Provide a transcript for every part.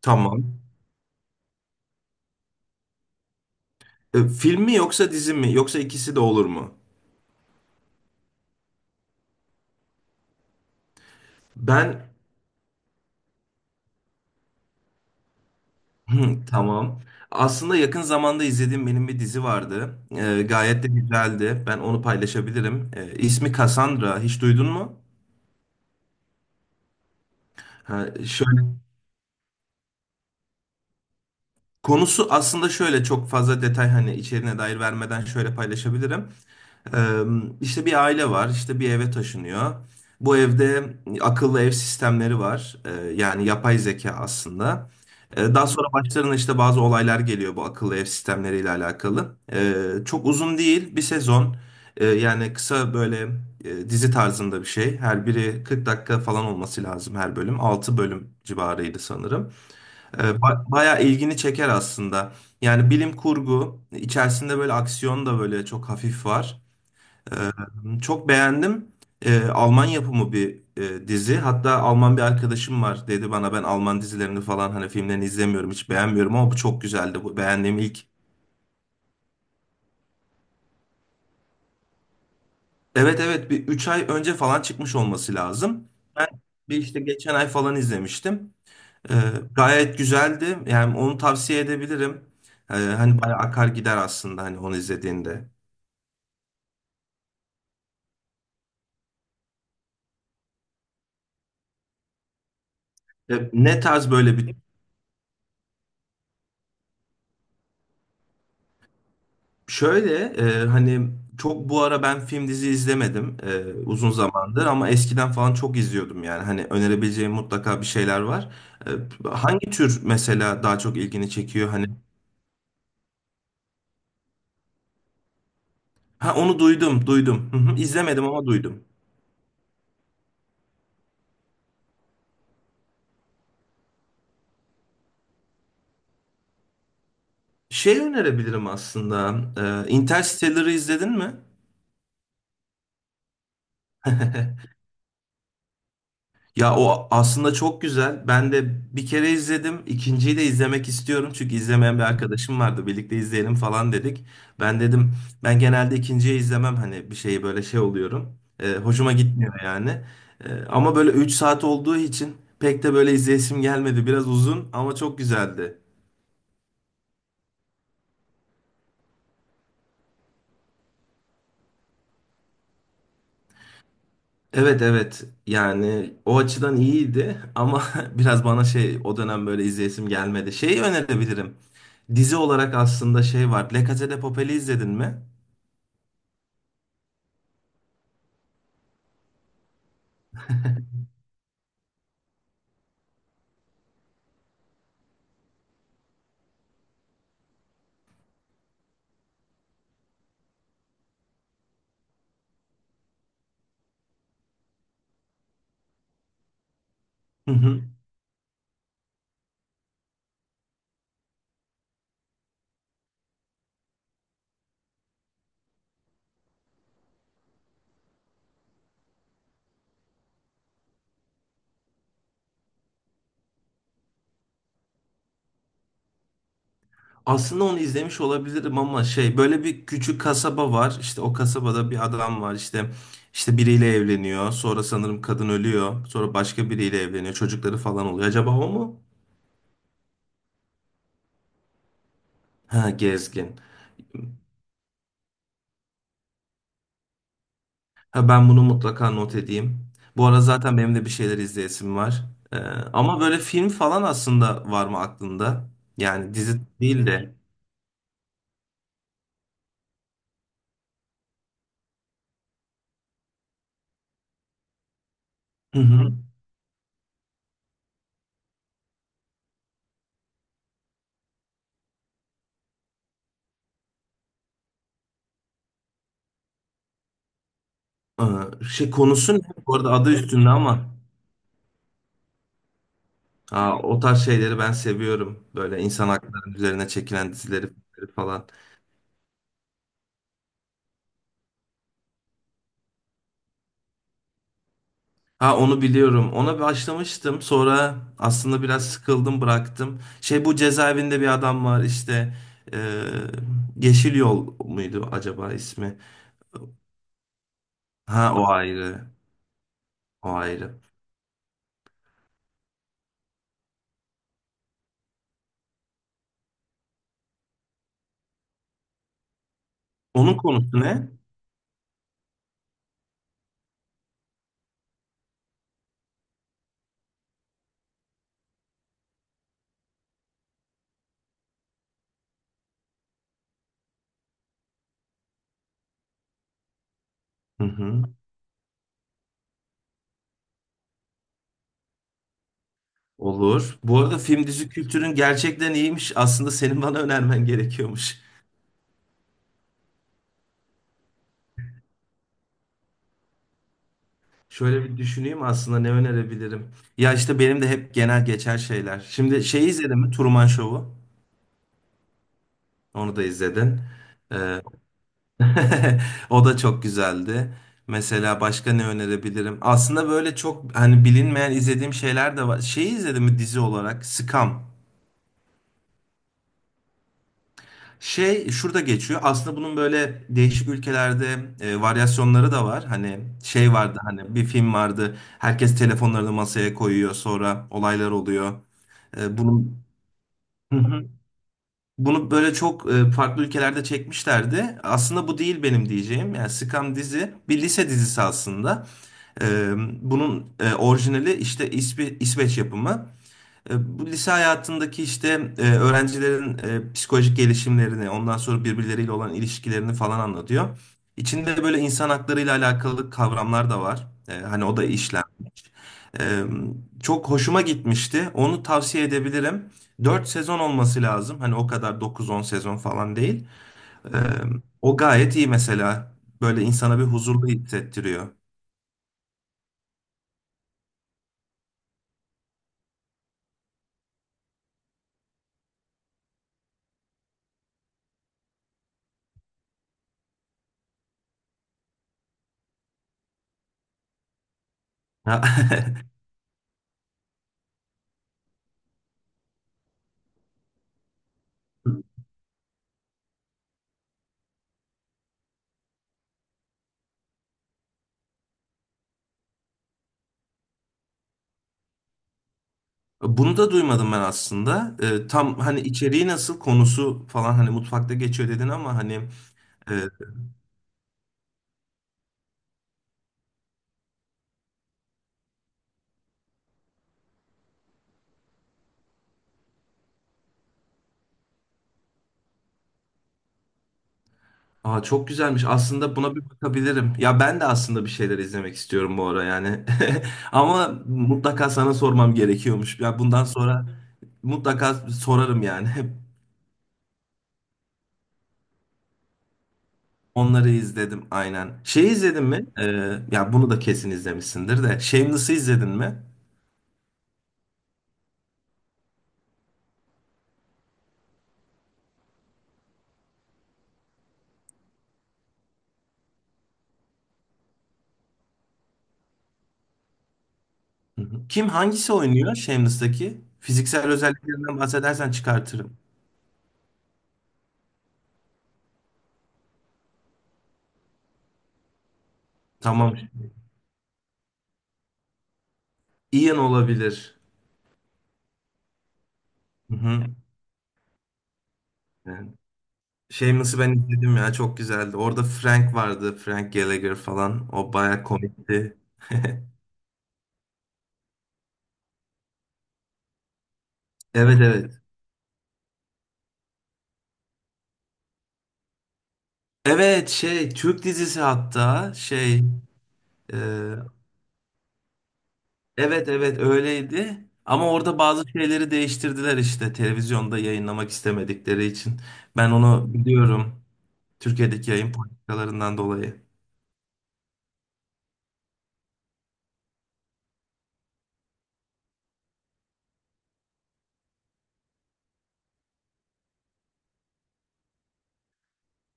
Tamam. Film mi yoksa dizi mi? Yoksa ikisi de olur mu? Ben tamam. Aslında yakın zamanda izlediğim benim bir dizi vardı. Gayet de güzeldi. Ben onu paylaşabilirim. İsmi Cassandra. Hiç duydun mu? Ha, şöyle konusu aslında şöyle çok fazla detay hani içeriğine dair vermeden şöyle paylaşabilirim. Ee, işte bir aile var, işte bir eve taşınıyor. Bu evde akıllı ev sistemleri var. Yani yapay zeka aslında. Daha sonra başlarına işte bazı olaylar geliyor bu akıllı ev sistemleriyle alakalı. Çok uzun değil, bir sezon. Yani kısa böyle dizi tarzında bir şey. Her biri 40 dakika falan olması lazım her bölüm. Altı bölüm civarıydı sanırım. Bayağı ilgini çeker aslında. Yani bilim kurgu, içerisinde böyle aksiyon da böyle çok hafif var. Çok beğendim. Alman yapımı bir dizi. Hatta Alman bir arkadaşım var, dedi bana ben Alman dizilerini falan hani filmlerini izlemiyorum, hiç beğenmiyorum, ama bu çok güzeldi. Bu beğendiğim ilk. Evet, evet, bir 3 ay önce falan çıkmış olması lazım. Ben bir işte geçen ay falan izlemiştim. Ee, Gayet güzeldi. Yani onu tavsiye edebilirim. Hani bayağı akar gider aslında hani onu izlediğinde. Ne tarz böyle bir şöyle hani çok bu ara ben film dizi izlemedim uzun zamandır, ama eskiden falan çok izliyordum, yani hani önerebileceğim mutlaka bir şeyler var. E, Hangi tür mesela daha çok ilgini çekiyor hani? Ha, onu duydum duydum. Hı hı, İzlemedim ama duydum. Şey önerebilirim aslında. Interstellar'ı izledin mi? Ya o aslında çok güzel. Ben de bir kere izledim. İkinciyi de izlemek istiyorum. Çünkü izlemeyen bir arkadaşım vardı. Birlikte izleyelim falan dedik. Ben dedim ben genelde ikinciyi izlemem. Hani bir şeyi böyle şey oluyorum. Hoşuma gitmiyor yani. Ama böyle 3 saat olduğu için pek de böyle izleyesim gelmedi. Biraz uzun ama çok güzeldi. Evet, evet, yani o açıdan iyiydi ama biraz bana şey o dönem böyle izleyesim gelmedi. Şeyi önerebilirim. Dizi olarak aslında şey var. La Casa de Papel'i izledin mi? Hı hı. Aslında onu izlemiş olabilirim ama şey böyle bir küçük kasaba var. İşte o kasabada bir adam var, işte biriyle evleniyor. Sonra sanırım kadın ölüyor. Sonra başka biriyle evleniyor. Çocukları falan oluyor. Acaba o mu? Ha, gezgin. Ha, ben bunu mutlaka not edeyim. Bu ara zaten benim de bir şeyler izleyesim var. Ee, Ama böyle film falan aslında var mı aklında? Yani dizi değil de. Hı hı. Şey konusu ne? Bu arada adı üstünde ama. Aa, o tarz şeyleri ben seviyorum. Böyle insan hakları üzerine çekilen dizileri filmleri falan. Ha, onu biliyorum. Ona başlamıştım. Sonra aslında biraz sıkıldım, bıraktım. Şey, bu cezaevinde bir adam var işte. Ee, Yeşil Yol muydu acaba ismi? Ha, o ayrı. O ayrı. Onun konusu ne? Hı hı. Olur. Bu arada film dizi kültürün gerçekten iyiymiş. Aslında senin bana önermen gerekiyormuş. Şöyle bir düşüneyim aslında ne önerebilirim. Ya işte benim de hep genel geçer şeyler. Şimdi şeyi izledin mi? Truman Show'u. Onu da izledin. Ee, O da çok güzeldi. Mesela başka ne önerebilirim? Aslında böyle çok hani bilinmeyen izlediğim şeyler de var. Şeyi izledin mi dizi olarak? Scam. Şey şurada geçiyor. Aslında bunun böyle değişik ülkelerde varyasyonları da var. Hani şey vardı, hani bir film vardı. Herkes telefonlarını masaya koyuyor. Sonra olaylar oluyor. Bunun hı hı. Bunu böyle çok farklı ülkelerde çekmişlerdi. Aslında bu değil benim diyeceğim. Yani Scam dizi bir lise dizisi aslında. E, Bunun orijinali işte İsveç yapımı. Bu lise hayatındaki işte öğrencilerin psikolojik gelişimlerini, ondan sonra birbirleriyle olan ilişkilerini falan anlatıyor. İçinde böyle insan haklarıyla alakalı kavramlar da var. Hani o da işlenmiş. E, Çok hoşuma gitmişti. Onu tavsiye edebilirim. 4 sezon olması lazım. Hani o kadar dokuz on sezon falan değil. E, O gayet iyi mesela. Böyle insana bir huzurlu hissettiriyor. Ha, bunu da duymadım ben aslında. Tam hani içeriği nasıl, konusu falan, hani mutfakta geçiyor dedin ama hani e, aa, çok güzelmiş. Aslında buna bir bakabilirim. Ya ben de aslında bir şeyler izlemek istiyorum bu ara yani. Ama mutlaka sana sormam gerekiyormuş. Ya bundan sonra mutlaka sorarım yani. Onları izledim aynen. Şey izledin mi? Ya bunu da kesin izlemişsindir de. Shameless'ı izledin mi? Hı hı. Kim, hangisi oynuyor Shameless'taki? Fiziksel özelliklerinden bahsedersen çıkartırım. Tamam. Ian olabilir. Hı hı. Yani Shameless'ı ben izledim, ya çok güzeldi. Orada Frank vardı. Frank Gallagher falan. O baya komikti. Evet, evet. Evet, şey Türk dizisi hatta şey e, evet, evet, öyleydi. Ama orada bazı şeyleri değiştirdiler işte televizyonda yayınlamak istemedikleri için. Ben onu biliyorum. Türkiye'deki yayın politikalarından dolayı.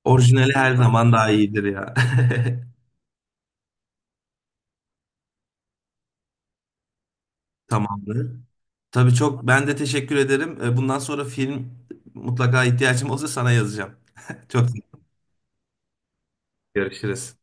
Orijinali her zaman daha iyidir ya. Tamamdır. Tabii, çok ben de teşekkür ederim. Bundan sonra film mutlaka ihtiyacım olursa sana yazacağım. Çok görüşürüz.